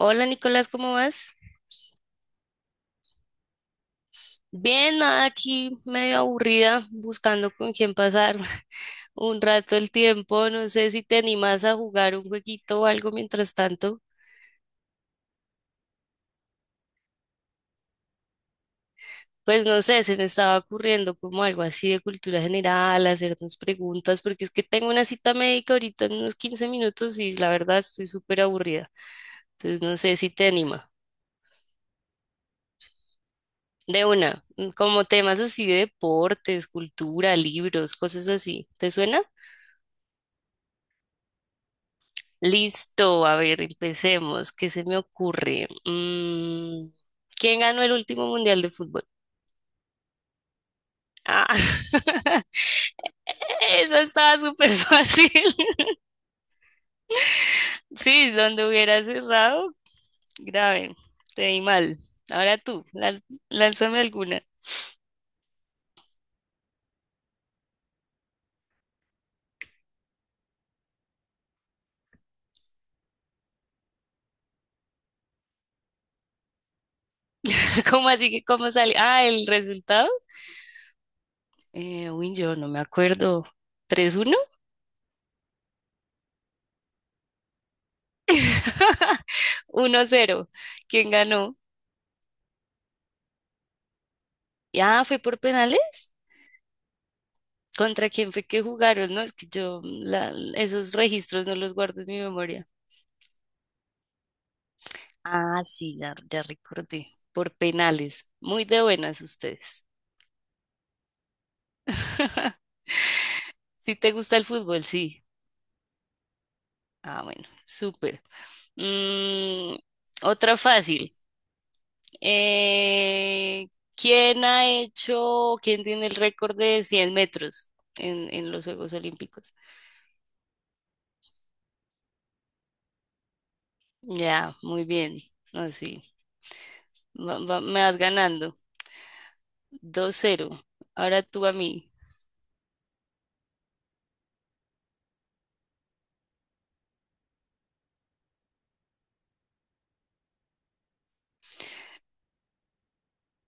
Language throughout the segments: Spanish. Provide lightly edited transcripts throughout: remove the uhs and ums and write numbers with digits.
Hola Nicolás, ¿cómo vas? Bien, nada, aquí medio aburrida, buscando con quién pasar un rato el tiempo. No sé si te animas a jugar un jueguito o algo mientras tanto. Pues no sé, se me estaba ocurriendo como algo así de cultura general, hacernos preguntas, porque es que tengo una cita médica ahorita en unos 15 minutos y la verdad estoy súper aburrida. Entonces no sé si te anima. De una, como temas así de deportes, cultura, libros, cosas así. ¿Te suena? Listo, a ver, empecemos. ¿Qué se me ocurre? ¿Quién ganó el último mundial de fútbol? Ah, eso estaba súper fácil. Sí, donde hubiera cerrado, grave, te vi mal. Ahora tú, lánzame alguna. ¿Cómo así que cómo sale? Ah, el resultado. Uy, yo no me acuerdo. Tres uno. Uno cero. ¿Quién ganó? Ah, fue por penales. ¿Contra quién fue que jugaron? No, es que esos registros no los guardo en mi memoria. Ah, sí, ya, ya recordé. Por penales. Muy de buenas ustedes. Si te gusta el fútbol, sí. Ah, bueno, súper. Mm, otra fácil. Eh, ¿quién tiene el récord de 100 metros en los Juegos Olímpicos? Ya, muy bien. No, sí. Me vas ganando. Dos cero. Ahora tú a mí.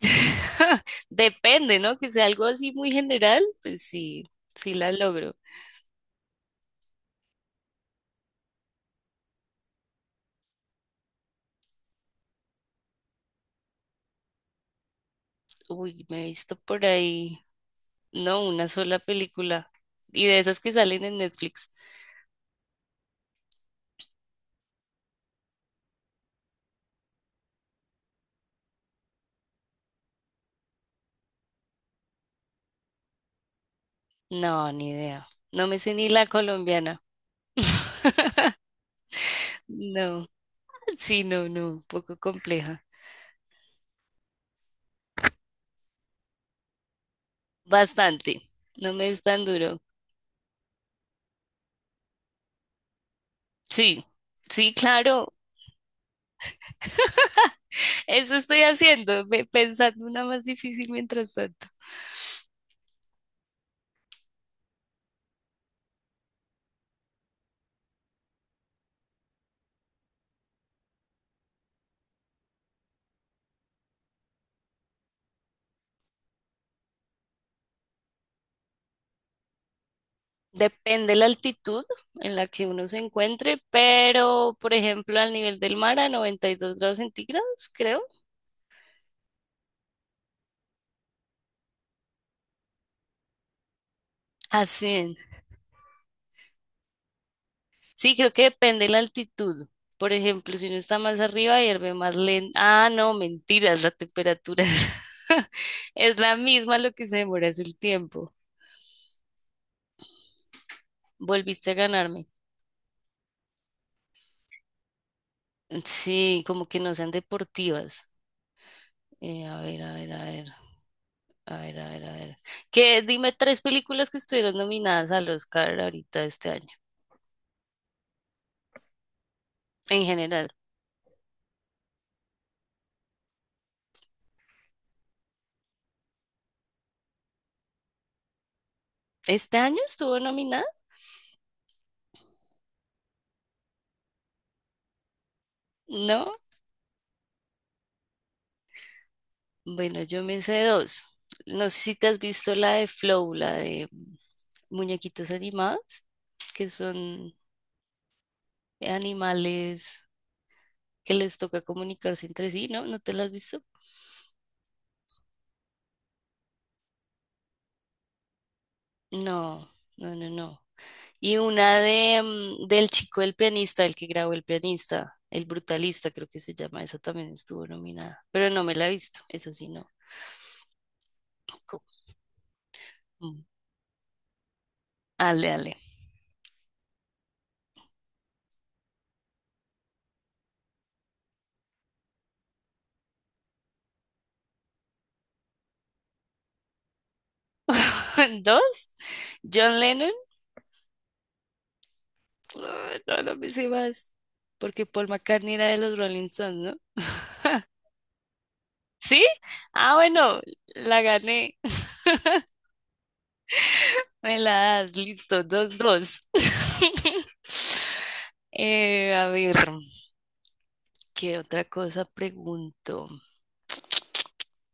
Depende, ¿no? Que sea algo así muy general, pues sí, sí la logro. Uy, me he visto por ahí, no, una sola película. Y de esas que salen en Netflix. No, ni idea. No me sé ni la colombiana. No, sí, no, no, un poco compleja. Bastante. No me es tan duro. Sí, sí, claro. Eso estoy haciendo, pensando una más difícil mientras tanto. Depende la altitud en la que uno se encuentre, pero por ejemplo al nivel del mar a 92 grados centígrados, creo. A 100. Sí, creo que depende la altitud. Por ejemplo, si uno está más arriba, hierve más lento. Ah, no, mentiras, la temperatura es, es la misma, lo que se demora es el tiempo. Volviste a ganarme. Sí, como que no sean deportivas. A ver, a ver, a ver, a ver, a ver, a ver. ¿Qué? Dime tres películas que estuvieron nominadas al Oscar ahorita este año. En general. ¿Este año estuvo nominada? No. Bueno, yo me sé dos. No sé si te has visto la de Flow, la de muñequitos animados, que son animales que les toca comunicarse entre sí, ¿no? ¿No te la has visto? No, no, no, no. Y una de del chico del pianista, el que grabó el pianista, el brutalista, creo que se llama, esa también estuvo nominada, pero no me la he visto, eso sí, no. Co- mm. Ale, ale. Dos, John Lennon. Ay, todas las veces más. Porque Paul McCartney era de los Rolling Stones, ¿no? ¿Sí? Ah, bueno, la gané. Me la das, listo, dos, dos. A ver, ¿qué otra cosa pregunto?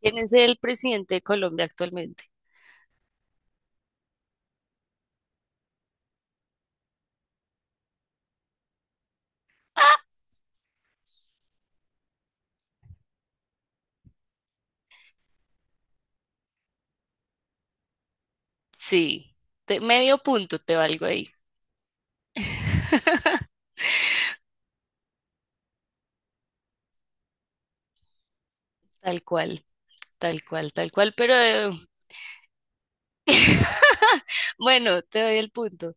¿Quién es el presidente de Colombia actualmente? Ah, sí, medio punto te valgo ahí. Tal cual, tal cual, tal cual, pero bueno, te doy el punto.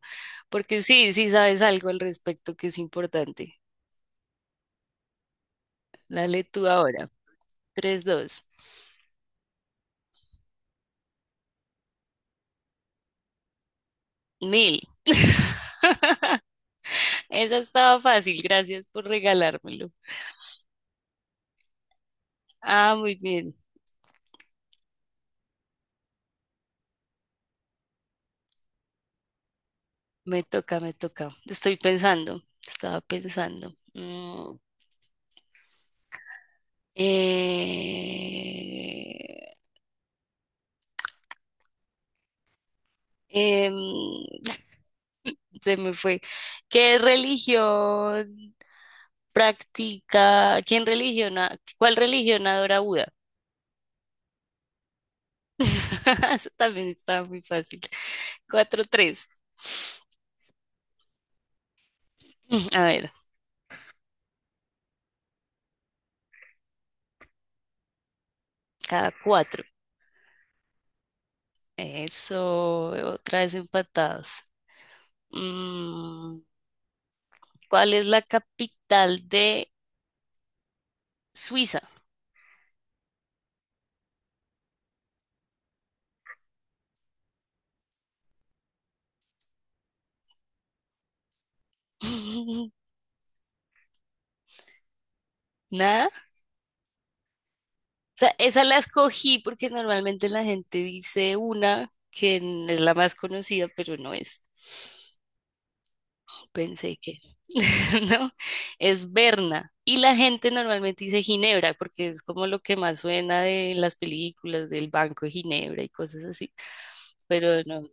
Porque sí, sí sabes algo al respecto que es importante. Dale tú ahora. Tres, dos, mil. Esa estaba fácil, gracias por regalármelo. Ah, muy bien. Me toca, me toca. Estoy pensando, estaba pensando. Eh, em, se me fue. ¿Qué religión practica? ¿Quién religiona? ¿Cuál religión adora Buda? Eso también estaba muy fácil. Cuatro tres. A ver, cada cuatro. Eso, otra vez empatados. Mm, ¿Cuál es la capital de Suiza? Nada. O sea, esa la escogí porque normalmente la gente dice una que es la más conocida, pero no es. Pensé que, ¿no? Es Berna. Y la gente normalmente dice Ginebra, porque es como lo que más suena de las películas del Banco de Ginebra y cosas así. Pero no,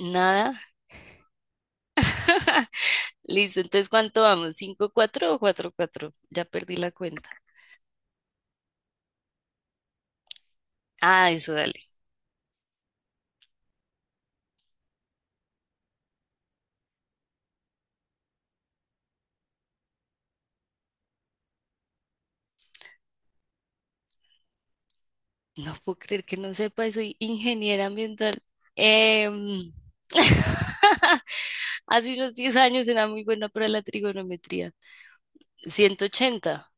nada. Listo, entonces, ¿cuánto vamos? Cinco 4 o 4 cuatro. Ya perdí la cuenta. Ah, eso, dale. No puedo creer que no sepa, soy ingeniera ambiental. Em, Hace unos 10 años era muy buena para la trigonometría. Ciento ochenta.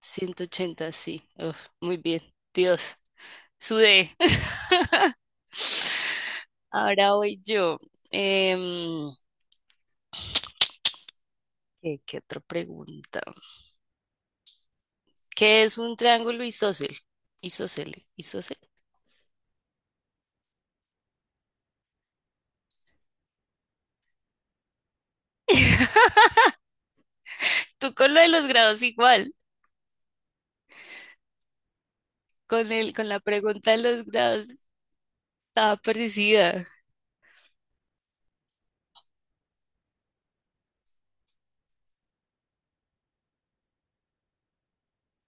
180, sí. Uf, muy bien. Dios, sudé. Ahora voy yo. Em, ¿qué otra pregunta? ¿Qué es un triángulo isósceles? Isósceles, isósceles. Tú con lo de los grados igual. Con la pregunta de los grados estaba parecida.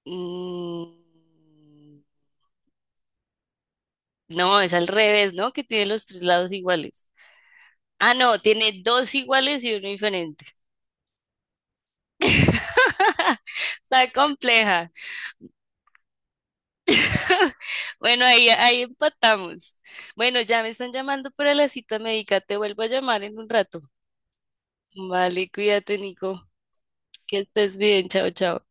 Mm, no, es al revés, ¿no? Que tiene los tres lados iguales. Ah, no, tiene dos iguales y uno diferente. Está compleja. Bueno, ahí, ahí empatamos. Bueno, ya me están llamando para la cita médica. Te vuelvo a llamar en un rato. Vale, cuídate, Nico. Que estés bien. Chao, chao.